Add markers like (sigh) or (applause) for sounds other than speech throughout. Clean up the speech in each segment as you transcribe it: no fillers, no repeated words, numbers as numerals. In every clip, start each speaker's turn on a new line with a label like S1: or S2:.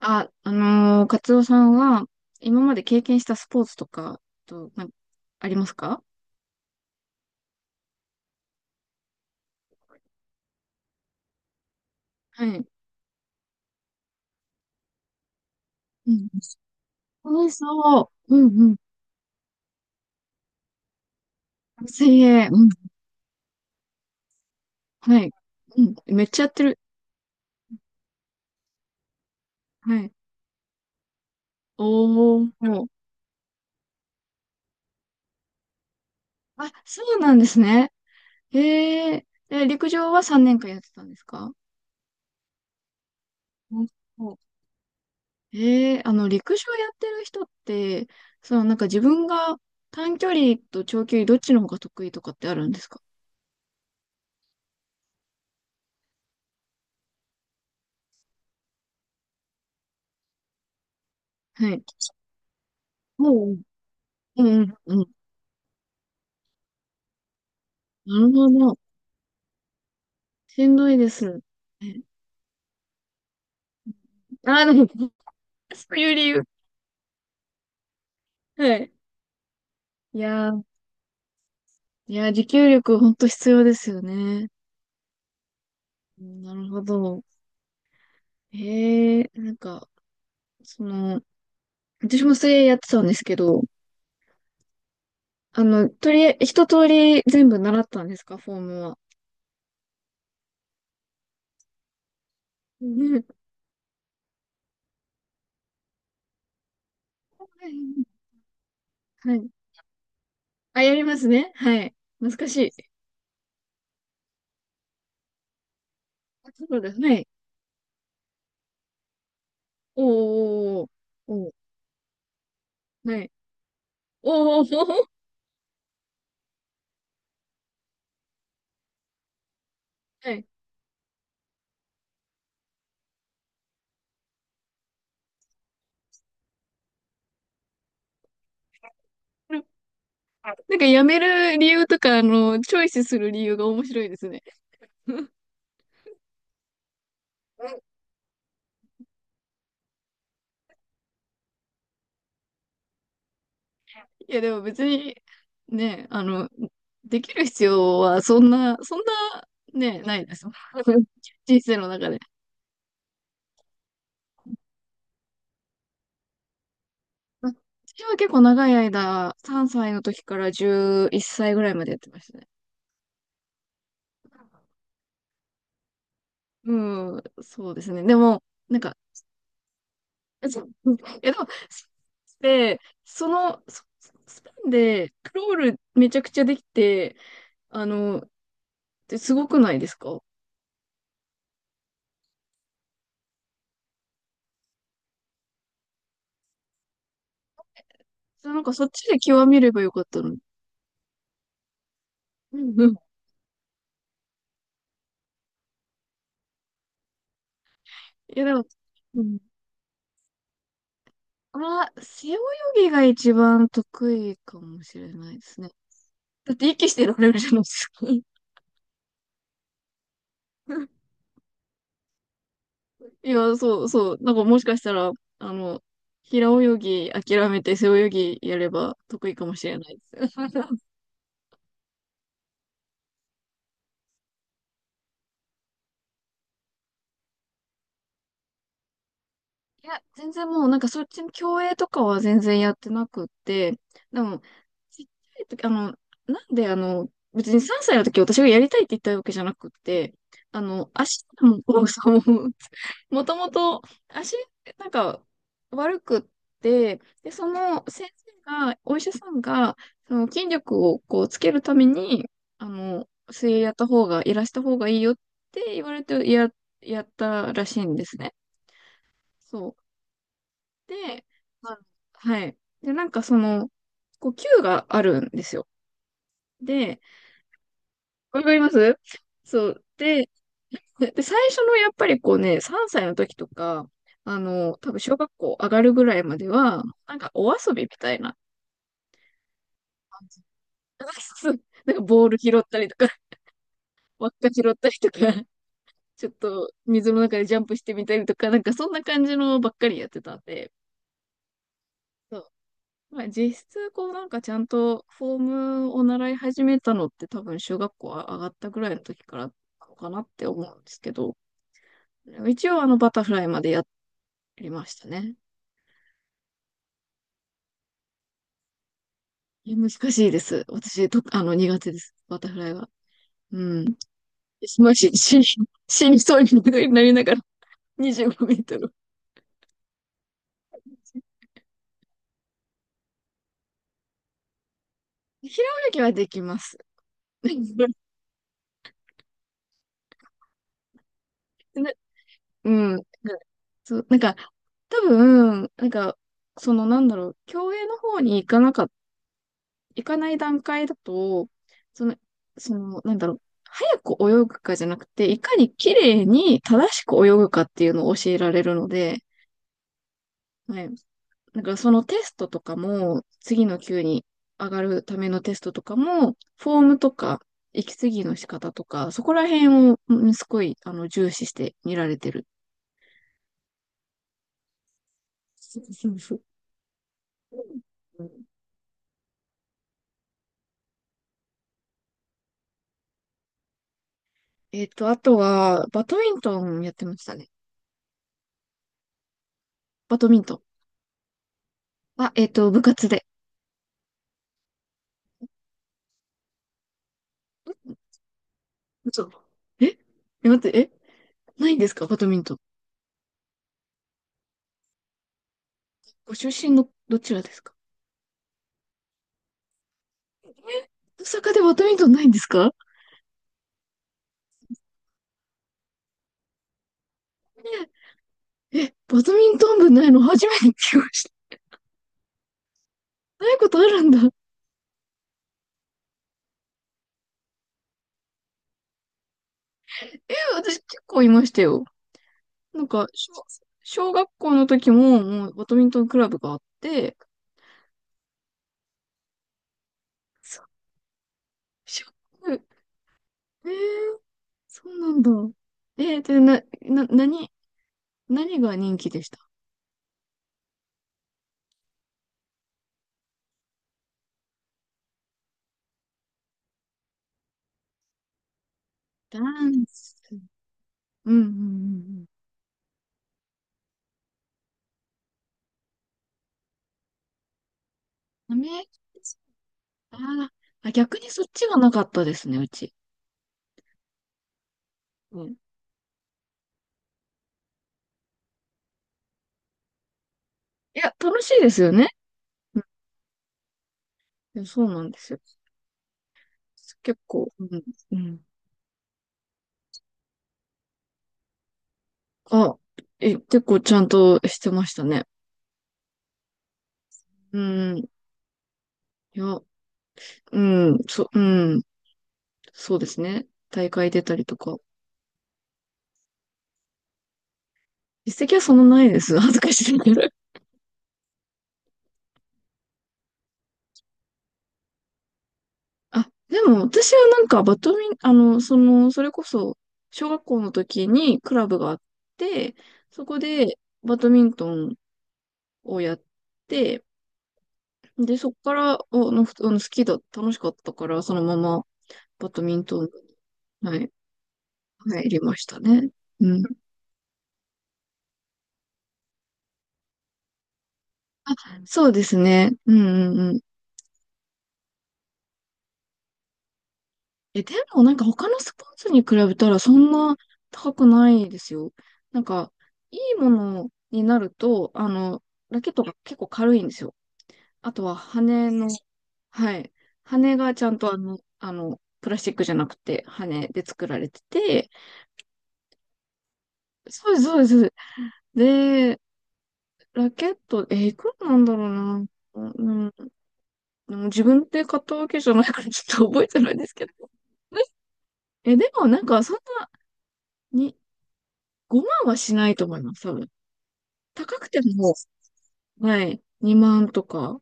S1: カツオさんは、今まで経験したスポーツとか、と、な、ありますか？はい。うん。そうそう。うんうん。水泳。うん。はい。うん。めっちゃやってる。はい。おー。あ、そうなんですね。へえ。で、陸上は3年間やってたんですか？うん。へえ、あの、陸上やってる人って、そのなんか自分が短距離と長距離どっちの方が得意とかってあるんですか？はい。おう。うん、うん。なるほど。しんどいです。え、あー、でも、そういう理由。はい。いやー、いやー、持久力ほんと必要ですよね。うん、なるほど。へえ、その、私も水泳やってたんですけど、とりあえず、一通り全部習ったんですか、フォームは。うん。はい。あ、やりますね。はい。難しい。あ、そうだ。はい。おーおーおーおー。はい。おーおーおー。はい。なんかやめる理由とか、チョイスする理由が面白いですね。(laughs) いや、でも別に、ね、できる必要はそんな、そんな、ね、ないです。(laughs) 人生の中で。私は結構長い間、3歳の時から11歳ぐらいまでやってましたね。うん、そうですね。でも、なんか、(laughs) そう、え、でも、で、その、そスパンで、クロールめちゃくちゃできて、あの、ですごくないですか？そう、なんかそっちで極めればよかったのに。うんうん。いや、でも、うん。ああ、背泳ぎが一番得意かもしれないですね。だって息してられるじゃないですか。(laughs) いや、そうそう。なんかもしかしたら、あの、平泳ぎ諦めて背泳ぎやれば得意かもしれないです。いや、全然もうなんかそっちの競泳とかは全然やってなくって、でも、ちっちゃい時、あの、なんであの、別に3歳の時私がやりたいって言ったわけじゃなくって、足も、もうそう、(laughs) もともと足、なんか悪くって、で、その先生が、お医者さんが、その筋力をこうつけるために、水泳やった方が、いらした方がいいよって言われてやったらしいんですね。そう。で、あ、はい。で、なんかその、こう、球があるんですよ。で、わかります？そう。で、(laughs) で、最初のやっぱりこうね、3歳の時とか、多分小学校上がるぐらいまでは、なんかお遊びみたいな。(laughs) なんかボール拾ったりとか、(laughs) 輪っか拾ったりとか、ちょっと水の中でジャンプしてみたりとか、なんかそんな感じのばっかりやってたんで、まあ、実質、こうなんかちゃんとフォームを習い始めたのって多分小学校上がったぐらいの時からかなって思うんですけど、一応あのバタフライまでやりましたね。いや難しいです。あの苦手です。バタフライは。うん。もし、死に、死にそうになりながら25メートル。平泳ぎはできます。(laughs) な、うん。な、そう、なんか、多分、なんか、そのなんだろう、競泳の方に行かない段階だと、その、その、なんだろう、早く泳ぐかじゃなくて、いかに綺麗に正しく泳ぐかっていうのを教えられるので、はい。だからそのテストとかも、次の級に上がるためのテストとかも、フォームとか、息継ぎの仕方とか、そこら辺を、うん、すごい、重視して見られてる。(laughs) そうそうそう。うん、えっと、あとは、バドミントンやってましたね。バドミントン。あ、えっと、部活で。嘘。ええ、待って、え、ないんですかバドミントン。ご出身のどちらですか？え、大阪でバドミントンないんですか？ええ、バドミントン部ないの初めて聞きました。ないことあるんだ。え、私結構いましたよ。なんか、小、小学校の時も、もうバドミントンクラブがあって、そう、ショック。えー、そうなんだ。えー、で、な、な、何、何が人気でした？ダンス。うんうんうんうん。アメ、あー、あ、逆にそっちがなかったですね、うち。うん。いや、楽しいですよね。いやそうなんですよ。結構、うん、うん。あ、え、結構ちゃんとしてましたね。うん。いや、うん、そ、うん。そうですね。大会出たりとか。実績はそんなないです。恥ずかしいけど。あ、でも私はなんかバドミン、それこそ、小学校の時にクラブがあって、そこでバドミントンをやって、で、そっから、お、の、ふあの、好きだ、楽しかったから、そのままバドミントン部に、はい、入りましたね。うん。あ、そうですね。うんうんうん。え、でもなんか他のスポーツに比べたらそんな高くないですよ。なんか、いいものになると、ラケットが結構軽いんですよ。あとは羽の、はい。羽がちゃんとプラスチックじゃなくて羽で作られてて、そうです、そうです。でラケット、えー、いくらなんだろうな。うん、でも自分で買ったわけじゃないからちょっと覚えてないですけど。え、でもなんかそんなに5万はしないと思います、多分。高くても、はい、2万とか、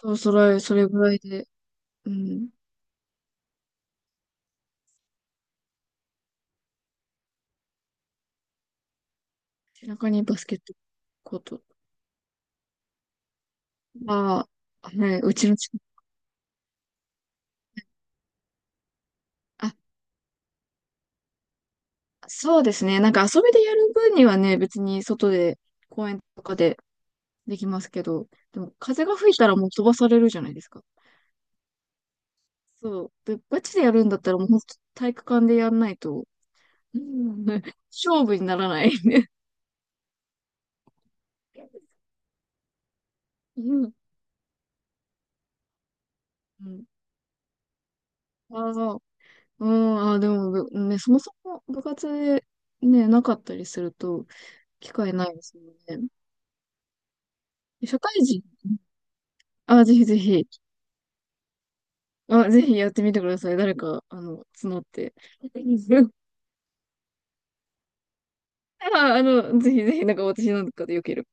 S1: そう、それ、それぐらいで、うん。背中にバスケットコートは、はい、ね、うちの近く。あ、そうですね。なんか遊びでやる分にはね、別に外で、公園とかでできますけど、でも風が吹いたらもう飛ばされるじゃないですか。そう。で、ガチでやるんだったらもうほんと体育館でやんないと、うん、 (laughs) 勝負にならない。うん。うん、ああー、うん、あー、でも、ぶね、そもそも部活でね、なかったりすると、機会ないですもんね。社会人、あー、ぜひぜひ、あ、ぜひやってみてください。誰か、募って。(laughs) あー、ぜひぜひ、なんか私なんかでよければ。